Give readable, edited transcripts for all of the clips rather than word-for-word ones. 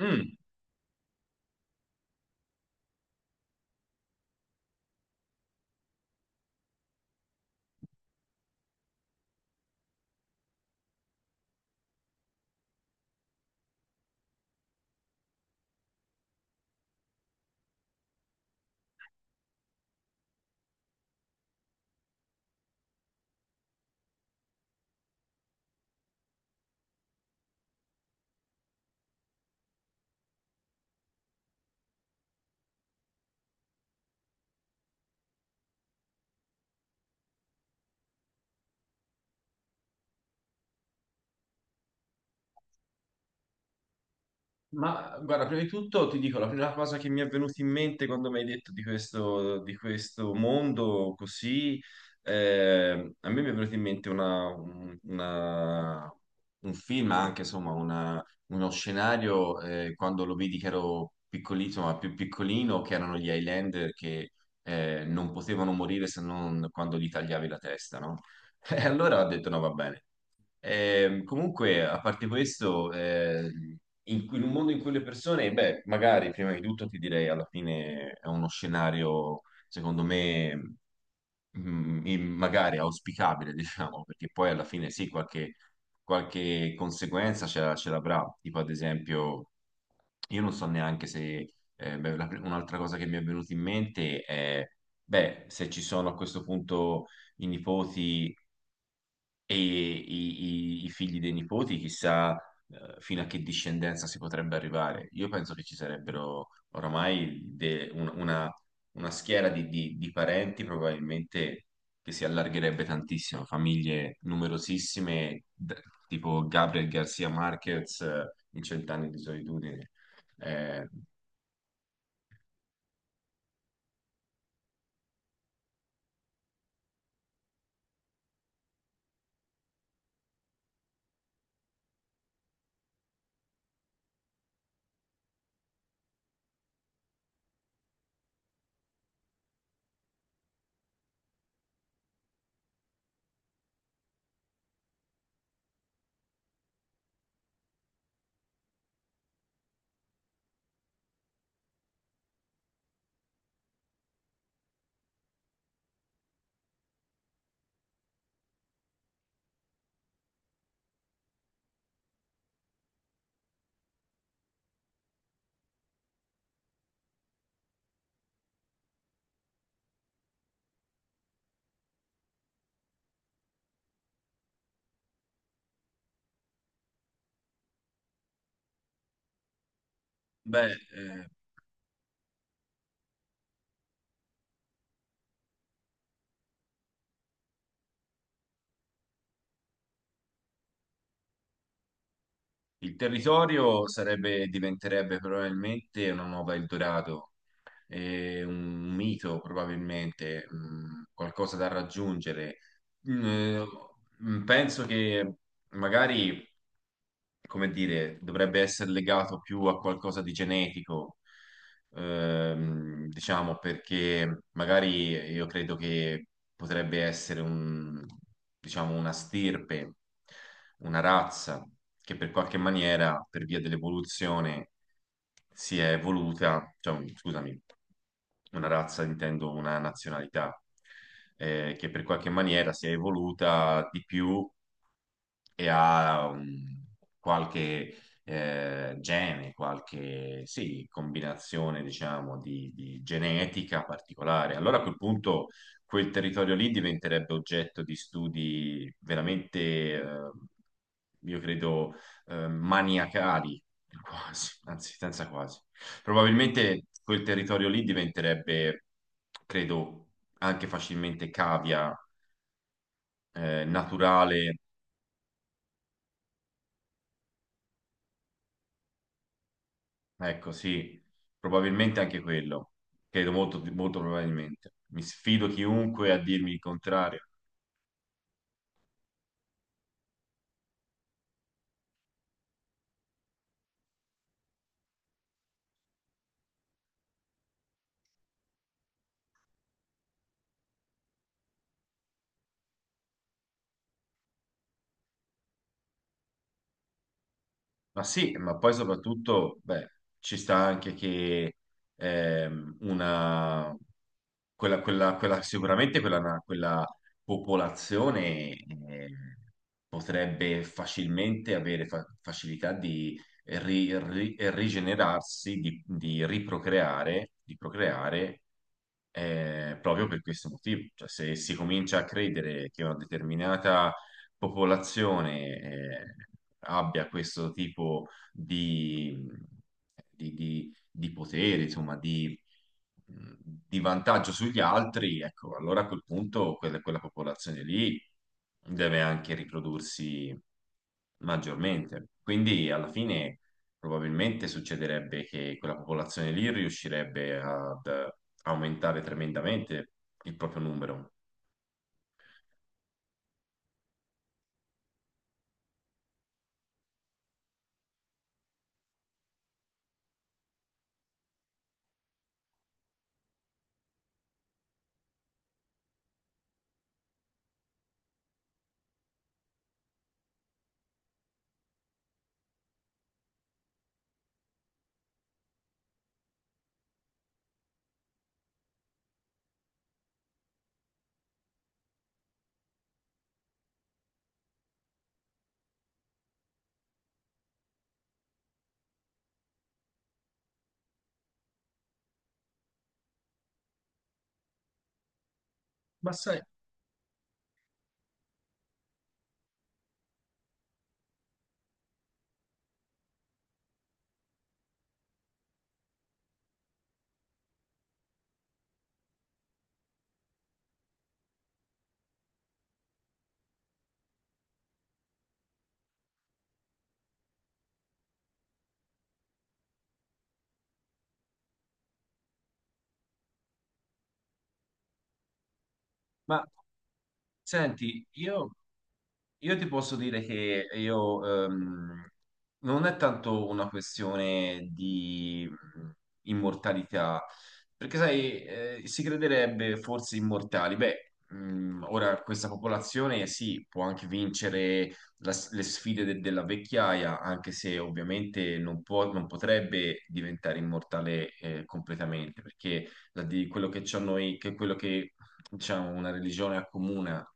Mm, ma guarda, prima di tutto ti dico, la prima cosa che mi è venuta in mente quando mi hai detto di questo mondo così, a me mi è venuta in mente una- un film, anche insomma uno scenario, quando lo vidi che ero piccolino, ma più piccolino, che erano gli Highlander che non potevano morire se non quando gli tagliavi la testa, no? E allora ho detto no, va bene. Comunque, a parte questo, in un mondo in cui le persone, beh, magari prima di tutto ti direi alla fine è uno scenario, secondo me, magari auspicabile, diciamo, perché poi alla fine sì, qualche, qualche conseguenza ce l'avrà. Tipo, ad esempio, io non so neanche se, beh, un'altra cosa che mi è venuta in mente è, beh, se ci sono a questo punto i nipoti e i figli dei nipoti, chissà, fino a che discendenza si potrebbe arrivare. Io penso che ci sarebbero oramai una schiera di, di parenti probabilmente che si allargherebbe tantissimo, famiglie numerosissime, tipo Gabriel Garcia Marquez in Cent'anni di solitudine. Eh, beh, eh, il territorio sarebbe, diventerebbe probabilmente una nuova Eldorado, un mito probabilmente, mm, qualcosa da raggiungere. Mm, mm. Penso che magari, come dire, dovrebbe essere legato più a qualcosa di genetico, diciamo, perché magari io credo che potrebbe essere un, diciamo, una stirpe, una razza che per qualche maniera, per via dell'evoluzione, si è evoluta, cioè, scusami, una razza intendo una nazionalità, che per qualche maniera si è evoluta di più e ha qualche gene, qualche sì, combinazione, diciamo, di genetica particolare. Allora a quel punto quel territorio lì diventerebbe oggetto di studi veramente, io credo, maniacali, quasi, anzi, senza quasi. Probabilmente quel territorio lì diventerebbe, credo, anche facilmente cavia, naturale. Ecco, sì, probabilmente anche quello. Credo molto, molto probabilmente. Mi sfido chiunque a dirmi il contrario. Ma sì, ma poi soprattutto, beh, ci sta anche che ehm, una, quella, sicuramente quella popolazione eh, potrebbe facilmente avere facilità di rigenerarsi, di riprocreare, di procreare, proprio per questo motivo. Cioè, se si comincia a credere che una determinata popolazione abbia questo tipo di, di potere, insomma, di vantaggio sugli altri, ecco, allora a quel punto quella popolazione lì deve anche riprodursi maggiormente. Quindi alla fine probabilmente succederebbe che quella popolazione lì riuscirebbe ad aumentare tremendamente il proprio numero. Ma sai, ma senti, io ti posso dire che io non è tanto una questione di immortalità, perché sai, si crederebbe forse immortali. Beh, ora questa popolazione sì, può anche vincere le sfide della vecchiaia, anche se ovviamente non può, non potrebbe diventare immortale completamente, perché di quello che c'ho noi, che quello che diciamo una religione accomuna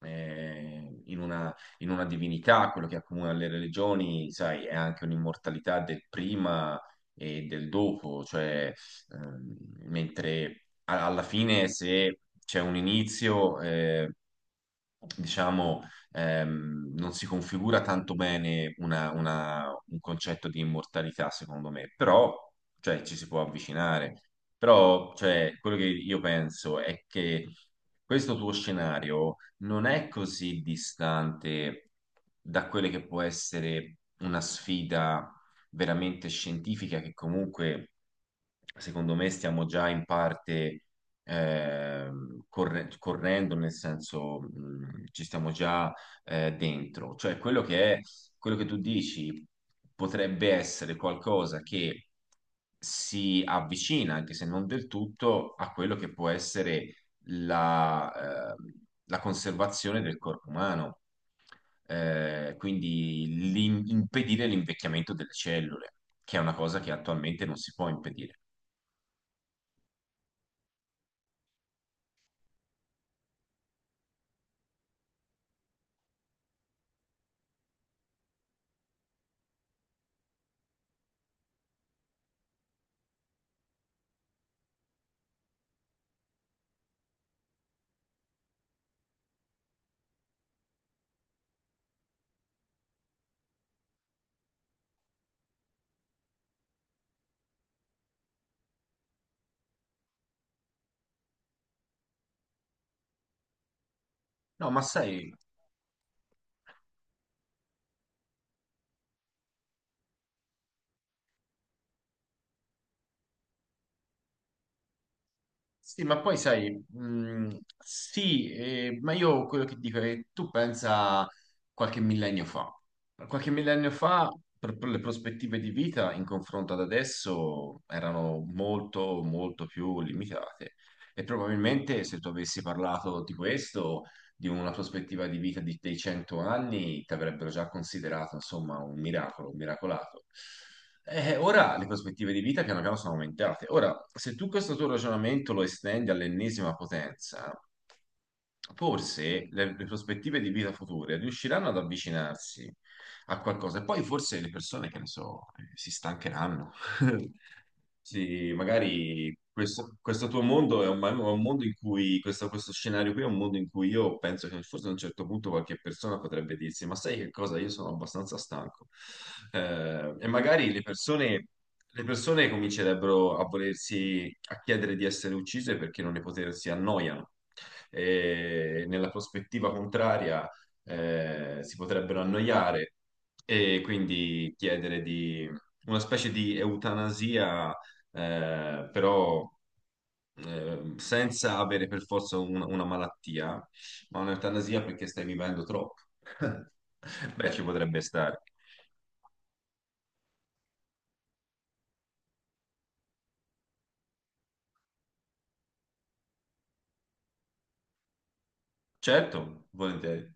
eh, in una in una divinità, quello che accomuna le religioni, sai, è anche un'immortalità del prima e del dopo, cioè, ehm, mentre alla fine se c'è un inizio, diciamo, non si configura tanto bene un concetto di immortalità, secondo me, però, cioè, ci si può avvicinare. Però, cioè, quello che io penso è che questo tuo scenario non è così distante da quella che può essere una sfida veramente scientifica che comunque, secondo me, stiamo già in parte correndo, nel senso ci stiamo già dentro. Cioè quello che è, quello che tu dici potrebbe essere qualcosa che si avvicina, anche se non del tutto, a quello che può essere la, la conservazione del corpo umano. Quindi impedire l'invecchiamento delle cellule, che è una cosa che attualmente non si può impedire. No, ma sai. Sì, ma poi sai, sì, ma io quello che dico è che tu pensa qualche millennio fa. Qualche millennio fa, per le prospettive di vita in confronto ad adesso erano molto, molto più limitate. E probabilmente se tu avessi parlato di questo, di una prospettiva di vita di, dei 100 anni, ti avrebbero già considerato, insomma, un miracolo, un miracolato. Ora le prospettive di vita piano piano sono aumentate. Ora, se tu questo tuo ragionamento lo estendi all'ennesima potenza, forse le prospettive di vita future riusciranno ad avvicinarsi a qualcosa e poi forse le persone, che ne so, si stancheranno. Sì, magari questo, questo tuo mondo è un mondo in cui, questo scenario qui è un mondo in cui io penso che forse a un certo punto qualche persona potrebbe dirsi, ma sai che cosa? Io sono abbastanza stanco. E magari le persone comincerebbero a volersi, a chiedere di essere uccise perché non ne potersi annoiano. E nella prospettiva contraria, si potrebbero annoiare e quindi chiedere di una specie di eutanasia, però senza avere per forza una malattia, ma un'eutanasia perché stai vivendo troppo. Beh, ci potrebbe stare. Certo, volentieri.